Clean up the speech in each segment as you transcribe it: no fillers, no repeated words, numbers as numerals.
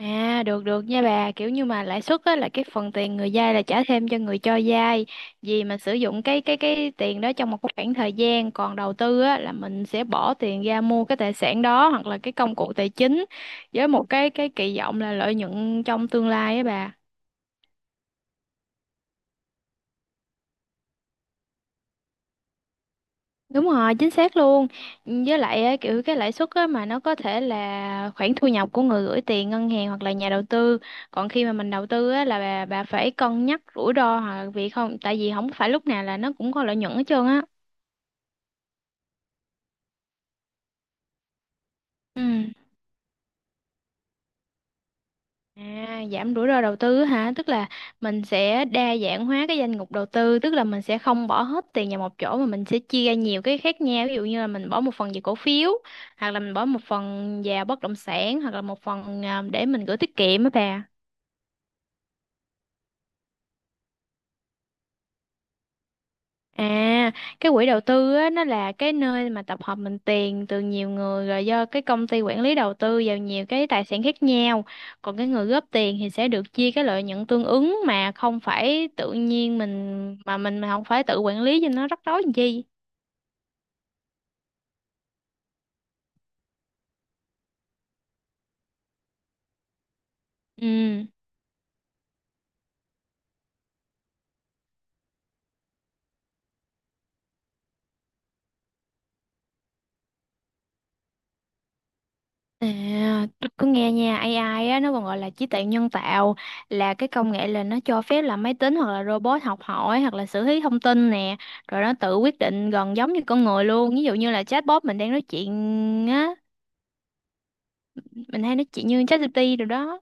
À, được được nha bà. Kiểu như mà lãi suất á, là cái phần tiền người vay là trả thêm cho người cho vay vì mình sử dụng cái tiền đó trong một cái khoảng thời gian. Còn đầu tư á, là mình sẽ bỏ tiền ra mua cái tài sản đó hoặc là cái công cụ tài chính với một cái kỳ vọng là lợi nhuận trong tương lai á bà. Đúng rồi, chính xác luôn. Với lại á, kiểu cái lãi suất á, mà nó có thể là khoản thu nhập của người gửi tiền ngân hàng hoặc là nhà đầu tư. Còn khi mà mình đầu tư á, là bà phải cân nhắc rủi ro, hoặc vì không, tại vì không phải lúc nào là nó cũng có lợi nhuận hết trơn á. Ừ. À, giảm rủi ro đầu tư hả? Tức là mình sẽ đa dạng hóa cái danh mục đầu tư, tức là mình sẽ không bỏ hết tiền vào một chỗ mà mình sẽ chia ra nhiều cái khác nhau. Ví dụ như là mình bỏ một phần về cổ phiếu, hoặc là mình bỏ một phần vào bất động sản, hoặc là một phần để mình gửi tiết kiệm á bà. À, cái quỹ đầu tư á, nó là cái nơi mà tập hợp mình tiền từ nhiều người rồi do cái công ty quản lý đầu tư vào nhiều cái tài sản khác nhau. Còn cái người góp tiền thì sẽ được chia cái lợi nhuận tương ứng, mà không phải tự nhiên mình mà không phải tự quản lý cho nó rắc rối làm chi. Ừ. À, tôi cứ nghe nha, AI á, nó còn gọi là trí tuệ nhân tạo, là cái công nghệ là nó cho phép là máy tính hoặc là robot học hỏi hoặc là xử lý thông tin nè, rồi nó tự quyết định gần giống như con người luôn. Ví dụ như là chatbot mình đang nói chuyện á, mình hay nói chuyện như ChatGPT rồi đó.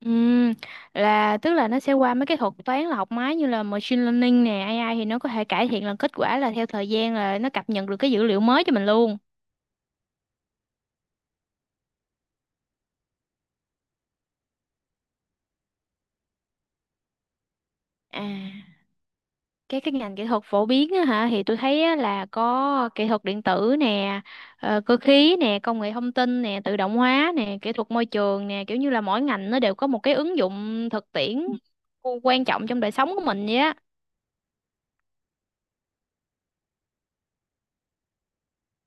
Ừm, là tức là nó sẽ qua mấy cái thuật toán là học máy, như là machine learning nè, AI thì nó có thể cải thiện là kết quả là theo thời gian, là nó cập nhật được cái dữ liệu mới cho mình luôn. À, cái ngành kỹ thuật phổ biến á hả, thì tôi thấy á, là có kỹ thuật điện tử nè, cơ khí nè, công nghệ thông tin nè, tự động hóa nè, kỹ thuật môi trường nè, kiểu như là mỗi ngành nó đều có một cái ứng dụng thực tiễn quan trọng trong đời sống của mình vậy á.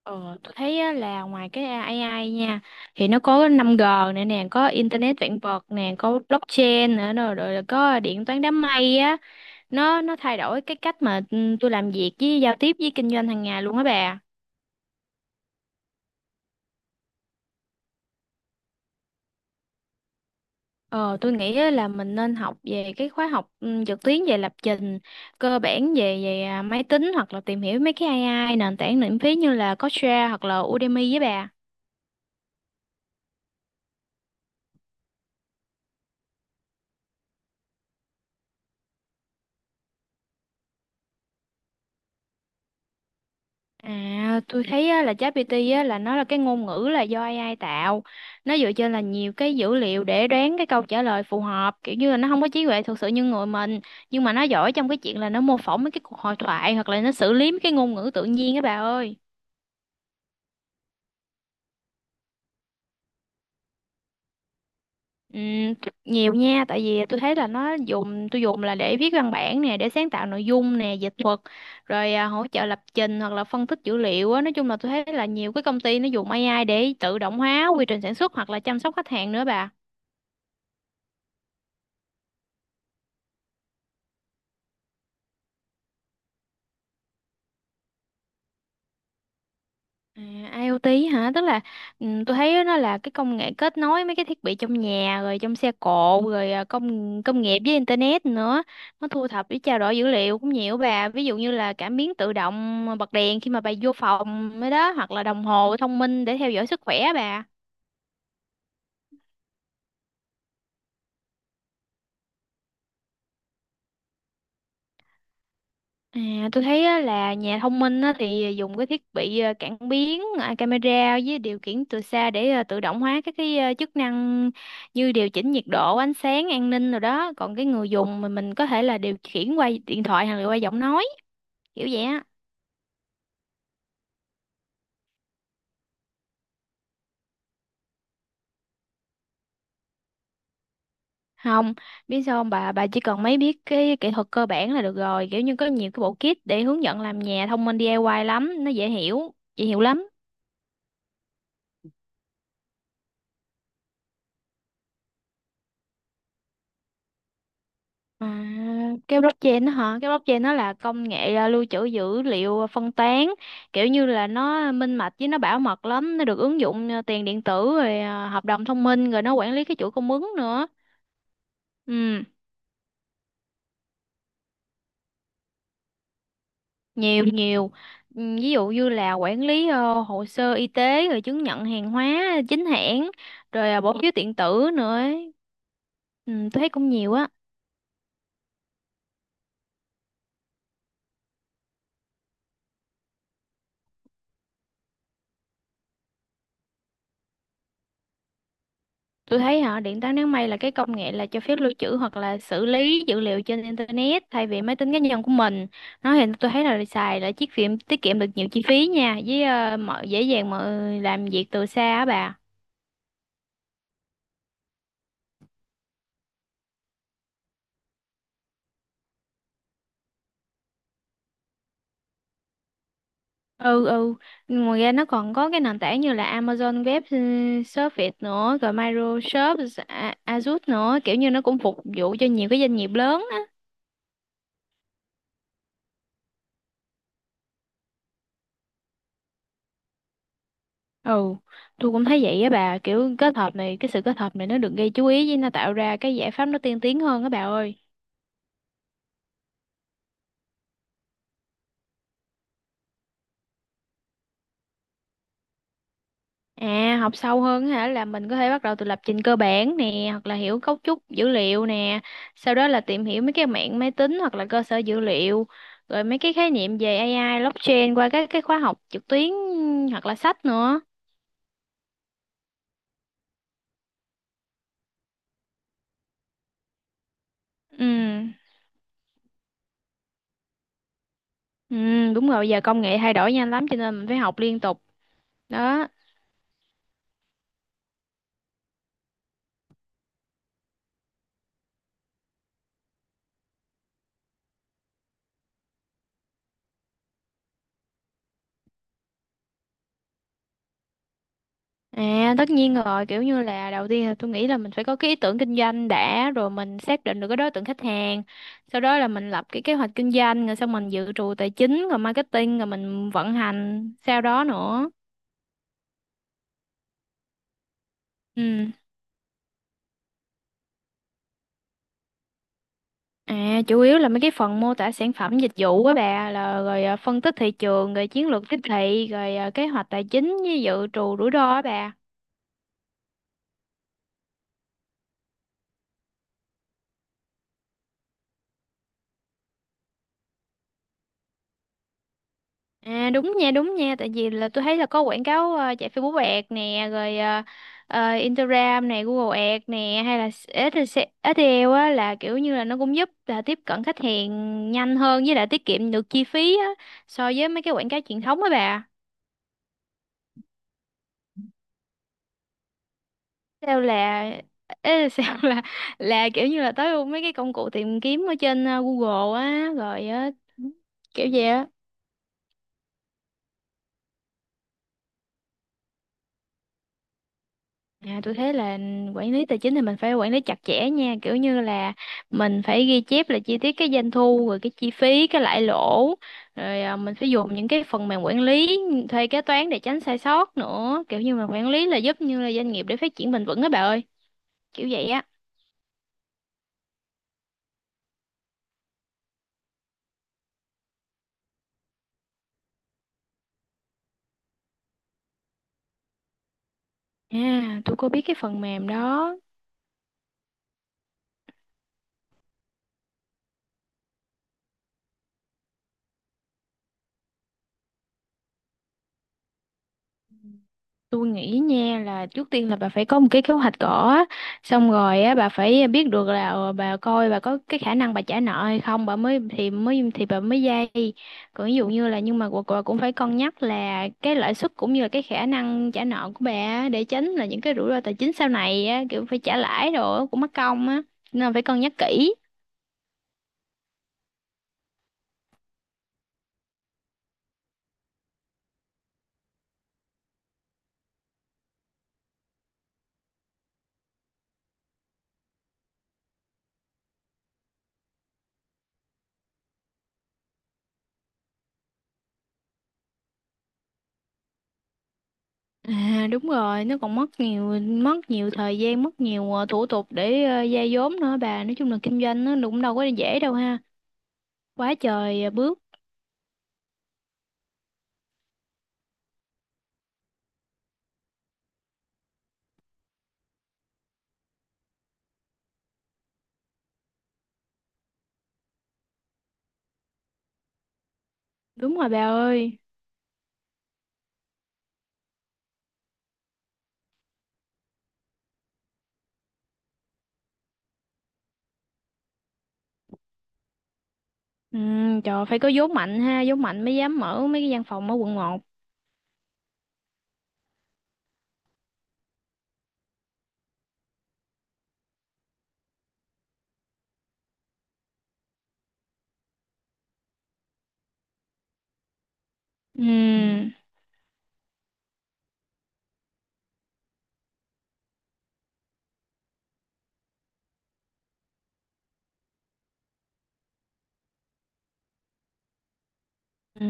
Ờ, tôi thấy á, là ngoài cái AI nha, thì nó có năm g nữa nè, có internet vạn vật nè, có blockchain nữa, rồi là có điện toán đám mây á. Nó thay đổi cái cách mà tôi làm việc, với giao tiếp, với kinh doanh hàng ngày luôn á bà. Ờ, tôi nghĩ á là mình nên học về cái khóa học trực tuyến về lập trình cơ bản về về à, máy tính, hoặc là tìm hiểu mấy cái AI nền tảng miễn phí như là Coursera hoặc là Udemy với bà. À, tôi thấy á, là ChatGPT á, là nó là cái ngôn ngữ là do AI tạo. Nó dựa trên là nhiều cái dữ liệu để đoán cái câu trả lời phù hợp, kiểu như là nó không có trí tuệ thực sự như người mình, nhưng mà nó giỏi trong cái chuyện là nó mô phỏng mấy cái cuộc hội thoại hoặc là nó xử lý mấy cái ngôn ngữ tự nhiên á bà ơi. Ừ, nhiều nha, tại vì tôi thấy là nó dùng tôi dùng là để viết văn bản nè, để sáng tạo nội dung nè, dịch thuật, rồi hỗ trợ lập trình, hoặc là phân tích dữ liệu á. Nói chung là tôi thấy là nhiều cái công ty nó dùng AI để tự động hóa quy trình sản xuất, hoặc là chăm sóc khách hàng nữa bà. À, IoT hả? Tức là tôi thấy nó là cái công nghệ kết nối mấy cái thiết bị trong nhà, rồi trong xe cộ, rồi à, công công nghiệp với internet nữa. Nó thu thập với trao đổi dữ liệu cũng nhiều bà. Ví dụ như là cảm biến tự động bật đèn khi mà bà vô phòng mới đó, hoặc là đồng hồ thông minh để theo dõi sức khỏe bà. À, tôi thấy á, là nhà thông minh á, thì dùng cái thiết bị cảm biến, camera với điều khiển từ xa để tự động hóa các cái chức năng như điều chỉnh nhiệt độ, ánh sáng, an ninh rồi đó. Còn cái người dùng mình có thể là điều khiển qua điện thoại hoặc là qua giọng nói, kiểu vậy á. Không, biết sao không bà, bà chỉ cần mấy biết cái kỹ thuật cơ bản là được rồi. Kiểu như có nhiều cái bộ kit để hướng dẫn làm nhà thông minh DIY lắm, nó dễ hiểu lắm. À, cái blockchain đó hả? Cái blockchain nó là công nghệ lưu trữ dữ liệu phân tán, kiểu như là nó minh bạch với nó bảo mật lắm, nó được ứng dụng tiền điện tử, rồi hợp đồng thông minh, rồi nó quản lý cái chuỗi cung ứng nữa. Ừ, nhiều nhiều. Ừ, ví dụ như là quản lý hồ sơ y tế, rồi chứng nhận hàng hóa chính hãng, rồi bỏ phiếu điện tử nữa ấy. Ừ, tôi thấy cũng nhiều á. Tôi thấy họ điện toán đám mây là cái công nghệ là cho phép lưu trữ hoặc là xử lý dữ liệu trên internet thay vì máy tính cá nhân của mình. Nó thì tôi thấy là xài là chiếc phim tiết kiệm được nhiều chi phí nha, với mọi dễ dàng mọi làm việc từ xa á bà. Ừ, ngoài ra nó còn có cái nền tảng như là Amazon Web Service nữa, rồi Microsoft Azure nữa, kiểu như nó cũng phục vụ cho nhiều cái doanh nghiệp lớn. Ừ, tôi cũng thấy vậy á bà, kiểu cái sự kết hợp này nó được gây chú ý với nó tạo ra cái giải pháp nó tiên tiến hơn á bà ơi. À, học sâu hơn á hả, là mình có thể bắt đầu từ lập trình cơ bản nè, hoặc là hiểu cấu trúc dữ liệu nè, sau đó là tìm hiểu mấy cái mạng máy tính hoặc là cơ sở dữ liệu, rồi mấy cái khái niệm về AI, blockchain qua các cái khóa học trực tuyến hoặc là sách nữa. Ừ, ừ, Đúng rồi, giờ công nghệ thay đổi nhanh lắm, cho nên mình phải học liên tục. Đó. À, tất nhiên rồi, kiểu như là đầu tiên là tôi nghĩ là mình phải có cái ý tưởng kinh doanh đã, rồi mình xác định được cái đối tượng khách hàng, sau đó là mình lập cái kế hoạch kinh doanh, rồi xong mình dự trù tài chính, rồi marketing, rồi mình vận hành sau đó nữa. ừ À, chủ yếu là mấy cái phần mô tả sản phẩm dịch vụ á bà, là rồi phân tích thị trường, rồi chiến lược tiếp thị, rồi kế hoạch tài chính với dự trù rủi ro á bà. À, đúng nha, tại vì là tôi thấy là có quảng cáo chạy Facebook Ads nè, Instagram nè, Google Ads nè, hay là SEO á, là kiểu như là nó cũng giúp là tiếp cận khách hàng nhanh hơn, với lại tiết kiệm được chi phí á so với mấy cái quảng cáo truyền thống á bà. Sao là ê, sao là kiểu như là tới mấy cái công cụ tìm kiếm ở trên Google á, rồi ờ, kiểu vậy á. À, tôi thấy là quản lý tài chính thì mình phải quản lý chặt chẽ nha, kiểu như là mình phải ghi chép là chi tiết cái doanh thu, rồi cái chi phí, cái lãi lỗ, rồi mình phải dùng những cái phần mềm quản lý, thuê kế toán để tránh sai sót nữa, kiểu như mà quản lý là giúp như là doanh nghiệp để phát triển bền vững á bà ơi, kiểu vậy á. À, tôi có biết cái phần mềm đó. Tôi nghĩ nha, là trước tiên là bà phải có một cái kế hoạch cỏ á. Xong rồi á bà phải biết được là bà coi bà có cái khả năng bà trả nợ hay không, bà mới thì bà mới vay. Còn ví dụ như là, nhưng mà bà cũng phải cân nhắc là cái lãi suất cũng như là cái khả năng trả nợ của bà á, để tránh là những cái rủi ro tài chính sau này á, kiểu phải trả lãi đồ á, cũng mất công á, nên là phải cân nhắc kỹ. À, đúng rồi, nó còn mất nhiều thời gian, mất nhiều thủ tục để vay vốn nữa bà. Nói chung là kinh doanh nó cũng đâu có dễ đâu ha. Quá trời à, bước. Đúng rồi bà ơi. Ừ, trời, phải có vốn mạnh ha, vốn mạnh mới dám mở mấy cái văn phòng ở quận một. Ừ. Ừ.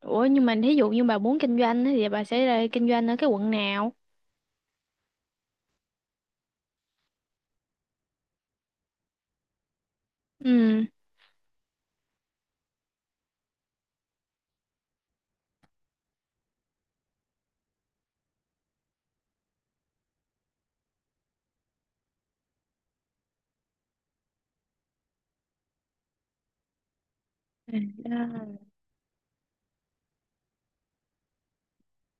Ủa nhưng mà thí dụ như bà muốn kinh doanh á, thì bà sẽ ra kinh doanh ở cái quận nào? Ừ. À,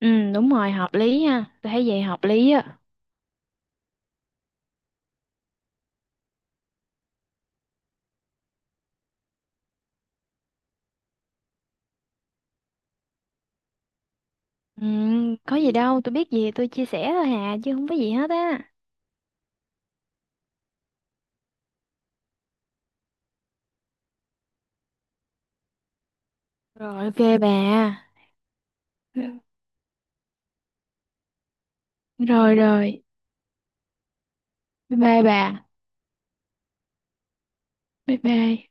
ừ đúng rồi, hợp lý ha, tôi thấy vậy hợp lý á. Ừ, có gì đâu, tôi biết gì thì tôi chia sẻ thôi hà, chứ không có gì hết á. Rồi, ok bà. Rồi rồi. Bye bye bà. Bye bye.